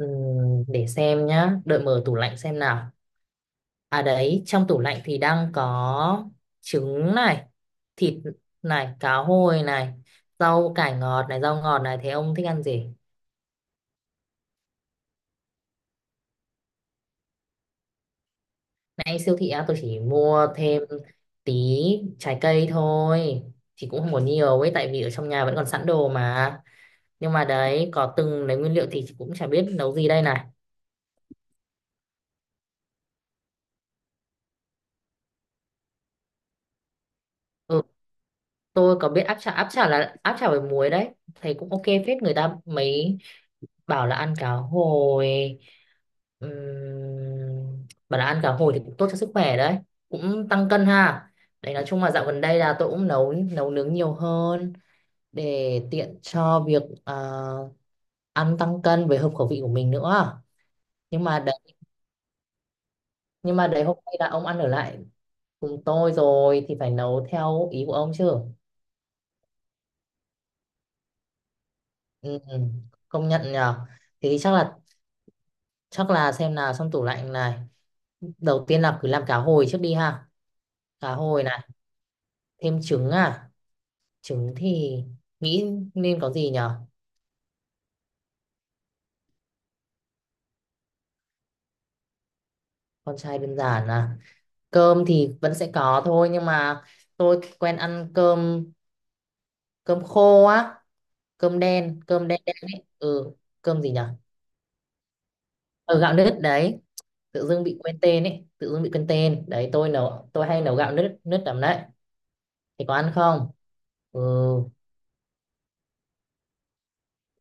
Để xem nhá, đợi mở tủ lạnh xem nào. À đấy, trong tủ lạnh thì đang có trứng này, thịt này, cá hồi này, rau cải ngọt này, rau ngọt này. Thế ông thích ăn gì? Nãy siêu thị á, tôi chỉ mua thêm tí trái cây thôi. Thì cũng không có nhiều ấy, tại vì ở trong nhà vẫn còn sẵn đồ mà. Nhưng mà đấy, có từng lấy nguyên liệu thì chị cũng chả biết nấu gì đây này. Ừ, tôi có biết áp chả là áp chả với muối đấy. Thấy cũng ok phết, người ta mấy bảo là ăn cá hồi, bảo là ăn cá hồi thì cũng tốt cho sức khỏe đấy, cũng tăng cân ha. Đấy, nói chung là dạo gần đây là tôi cũng nấu nấu nướng nhiều hơn, để tiện cho việc ăn tăng cân với hợp khẩu vị của mình nữa. Nhưng mà đấy, hôm nay là ông ăn ở lại cùng tôi rồi thì phải nấu theo ý của ông chứ. Ừ, ừ, công nhận nhờ. Thì chắc là, xem nào, trong tủ lạnh này đầu tiên là cứ làm cá hồi trước đi ha. Cá hồi này, thêm trứng à, trứng thì nghĩ nên có gì nhở. Con trai đơn giản à, cơm thì vẫn sẽ có thôi nhưng mà tôi quen ăn cơm, cơm khô á, cơm đen đen ấy. Ừ, cơm gì nhở, ở gạo nếp đấy. Tự dưng bị quên tên đấy, tôi nấu, tôi hay nấu gạo nếp nếp lắm đấy. Thì có ăn không? Ừ.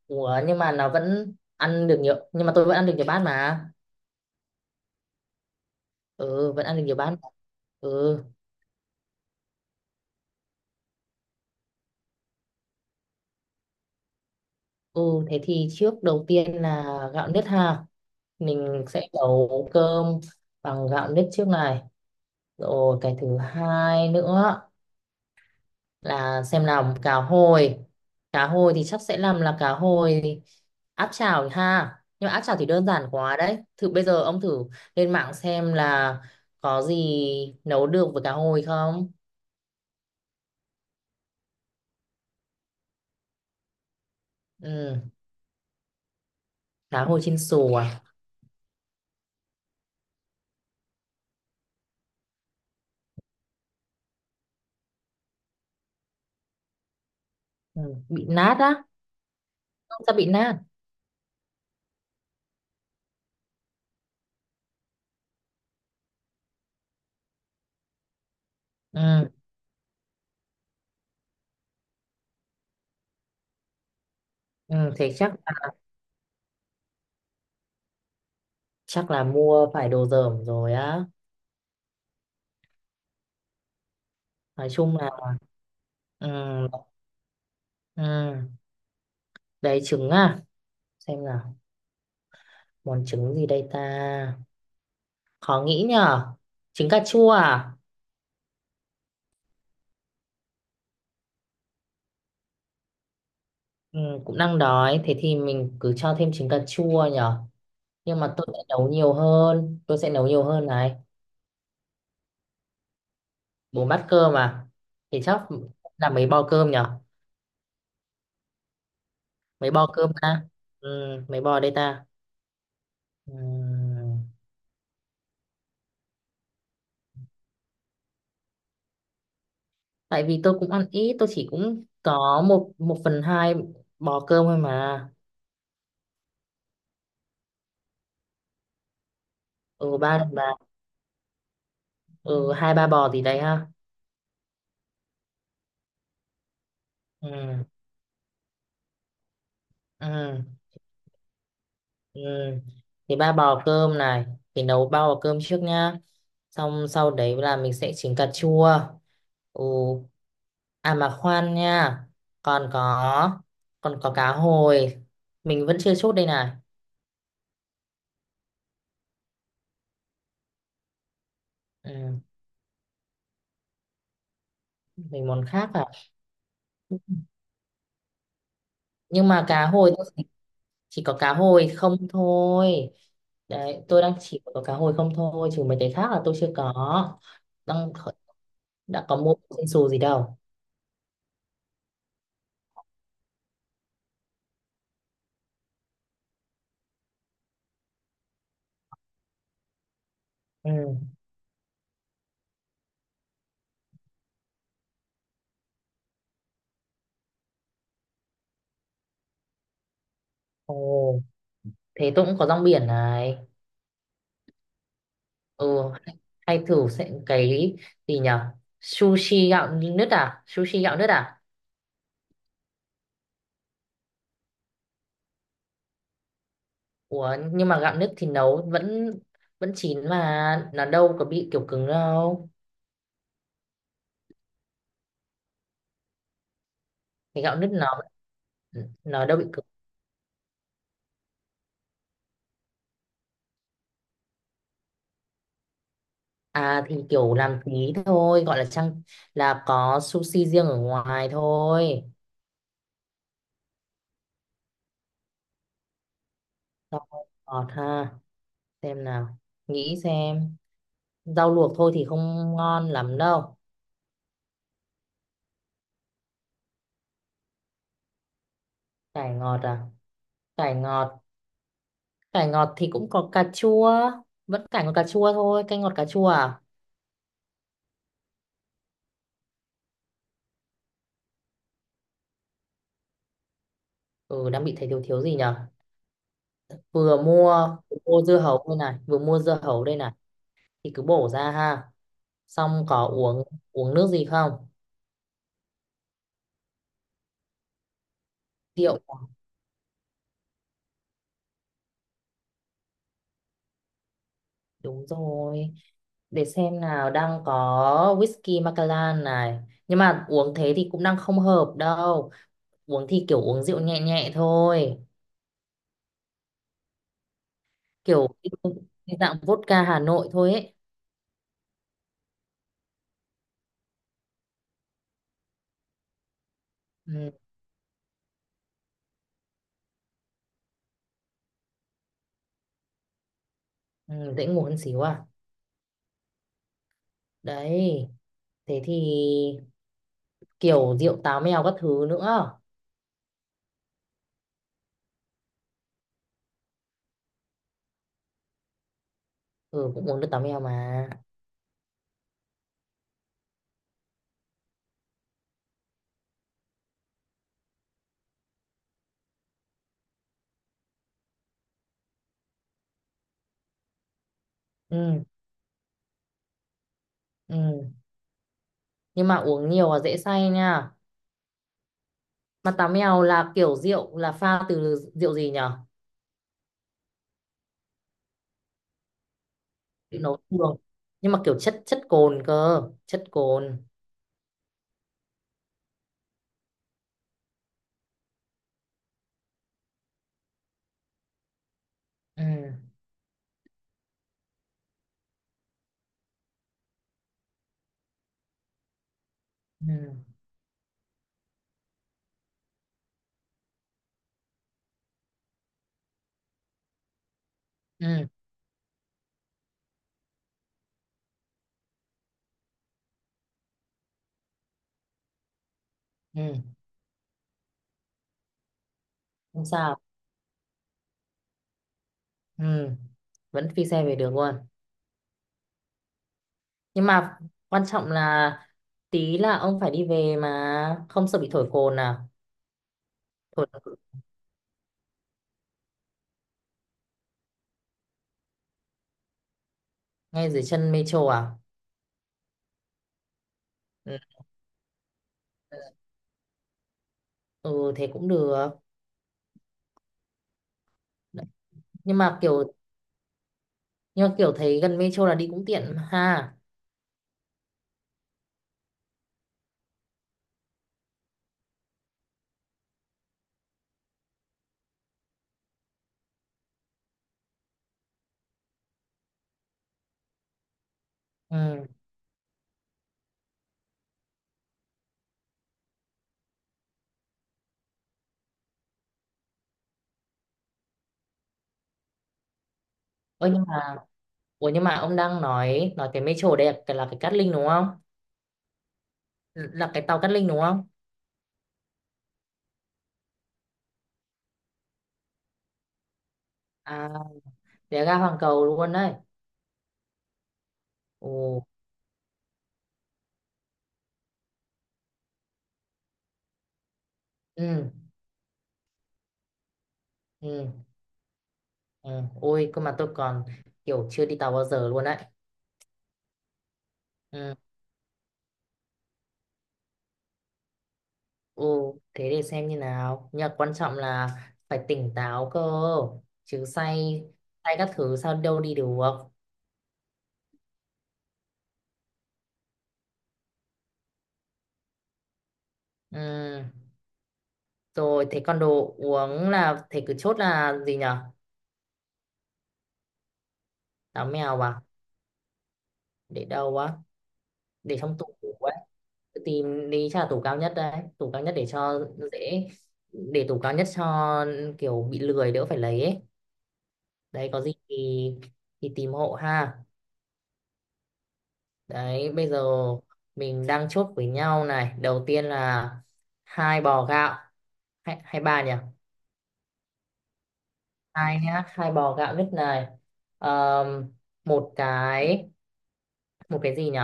Ủa, nhưng mà nó vẫn ăn được nhiều, nhưng mà tôi vẫn ăn được nhiều bát mà. Ừ, vẫn ăn được nhiều bát. Ừ. Ừ, thế thì trước đầu tiên là gạo nếp ha. Mình sẽ nấu cơm bằng gạo nếp trước này. Rồi cái thứ hai nữa là xem làm cá hồi. Cá hồi thì chắc sẽ làm là cá hồi áp chảo ha. Nhưng mà áp chảo thì đơn giản quá đấy. Thử bây giờ ông thử lên mạng xem là có gì nấu được với cá hồi không? Ừ, cá hồi chiên xù à? Ừ, bị nát á. Không sao bị nát. Ừ, ừ, thế chắc chắc là mua phải đồ dởm rồi á. Nói chung là ừ, ừ. Đấy, trứng à, xem nào, món trứng gì đây ta, khó nghĩ nhở. Trứng cà chua à? Ừ, cũng đang đói, thế thì mình cứ cho thêm trứng cà chua nhở. Nhưng mà tôi sẽ nấu nhiều hơn, này. Bốn bát cơm à? Thì chắc là mấy bò cơm nhở, mấy bò cơm ta. Ừ, mấy bò đây ta. Ừ. Tại vì tôi cũng ăn ít, tôi chỉ cũng có một một phần hai bò cơm thôi mà. Ừ, ba ba. Ừ, hai ba bò gì đấy ha. Ừ. Ừ. Ừ. Thì ba bò cơm này, thì nấu ba bò cơm trước nhá, xong sau đấy là mình sẽ chỉnh cà chua. Ừ, à mà khoan nha, còn có, cá hồi mình vẫn chưa chốt đây này. Ừ, mình món khác à? Nhưng mà cá hồi tôi chỉ có cá hồi không thôi. Đấy, tôi đang chỉ có cá hồi không thôi, chứ mấy cái khác là tôi chưa có, đang đã có mua trên xù gì đâu. Ừ. Ồ, thế tôi cũng có rong biển này. Ừ, hay, thử sẽ cái gì nhở. Sushi gạo nứt à, ủa nhưng mà gạo nứt thì nấu vẫn vẫn chín mà, nó đâu có bị kiểu cứng đâu. Cái gạo nứt nó đâu bị cứng. À thì kiểu làm tí thôi, gọi là trang, là có sushi riêng ở ngoài thôi. Rau ngọt ha, xem nào, nghĩ xem. Rau luộc thôi thì không ngon lắm đâu. Cải ngọt à, cải ngọt, cải ngọt thì cũng có cà chua, vẫn cải ngọt cà chua thôi, canh ngọt cà chua à. Ừ, đang bị thấy thiếu thiếu gì nhở. Vừa mua dưa hấu đây này, thì cứ bổ ra ha, xong có uống uống nước gì không? Rượu. Đúng rồi. Để xem nào, đang có whisky Macallan này. Nhưng mà uống thế thì cũng đang không hợp đâu. Uống thì kiểu uống rượu nhẹ nhẹ thôi. Kiểu cái dạng vodka Hà Nội thôi ấy. Ừ, ừ, dễ ngủ hơn xíu à. Đấy, thế thì kiểu rượu táo mèo các thứ nữa. Ừ, cũng uống được táo mèo mà. Ừ, ừ. Nhưng mà uống nhiều là dễ say nha. Mà táo mèo là kiểu rượu là pha từ rượu gì nhỉ? Chữ nấu thường, nhưng mà kiểu chất chất cồn cơ, chất cồn. Ừ. Ừ. Ừ. Ừ, không sao. Ừ, vẫn phi xe về được luôn. Nhưng mà quan trọng là tí là ông phải đi về mà không sợ bị thổi cồn à. Thổi. Ngay dưới chân metro à? Ừ, ừ thế cũng được. Đấy, nhưng mà kiểu, thấy gần metro là đi cũng tiện mà ha. Ừ. Ôi, nhưng mà, ủa nhưng mà ông đang nói cái metro đây là cái, là cái Cát Linh đúng không, là cái tàu Cát Linh đúng không? À, để ra Hoàng Cầu luôn đấy. Ồ. Ừ. Ừ. Ừ. Ôi cơ mà tôi còn kiểu chưa đi tàu bao giờ luôn đấy. Ừ. Ồ thế để xem như nào, nhưng mà quan trọng là phải tỉnh táo cơ, chứ say say các thứ sao đâu đi được. Ừ. Rồi thế còn đồ uống là thế cứ chốt là gì nhở? Táo mèo à, để đâu á, để trong tủ. Tìm đi, chắc là tủ cao nhất đấy, tủ cao nhất để cho dễ. Để tủ cao nhất cho kiểu bị lười, đỡ phải lấy ấy. Đấy, có gì thì tìm hộ ha. Đấy, bây giờ mình đang chốt với nhau này, đầu tiên là hai bò gạo, hay, ba nhỉ. Hai nhá, hai bò gạo nứt này. Ờm, một cái, gì nhỉ,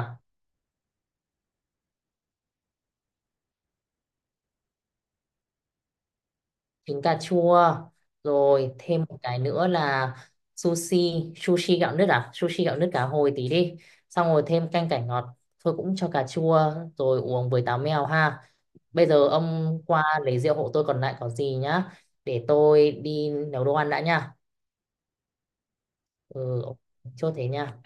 trứng cà chua. Rồi thêm một cái nữa là sushi, sushi gạo nứt à sushi gạo nứt cá hồi tí đi. Xong rồi thêm canh cải ngọt thôi, cũng cho cà chua. Rồi uống với táo mèo ha. Bây giờ ông qua lấy rượu hộ tôi, còn lại có gì nhá. Để tôi đi nấu đồ ăn đã nha. Ừ, ok. Chốt thế nha.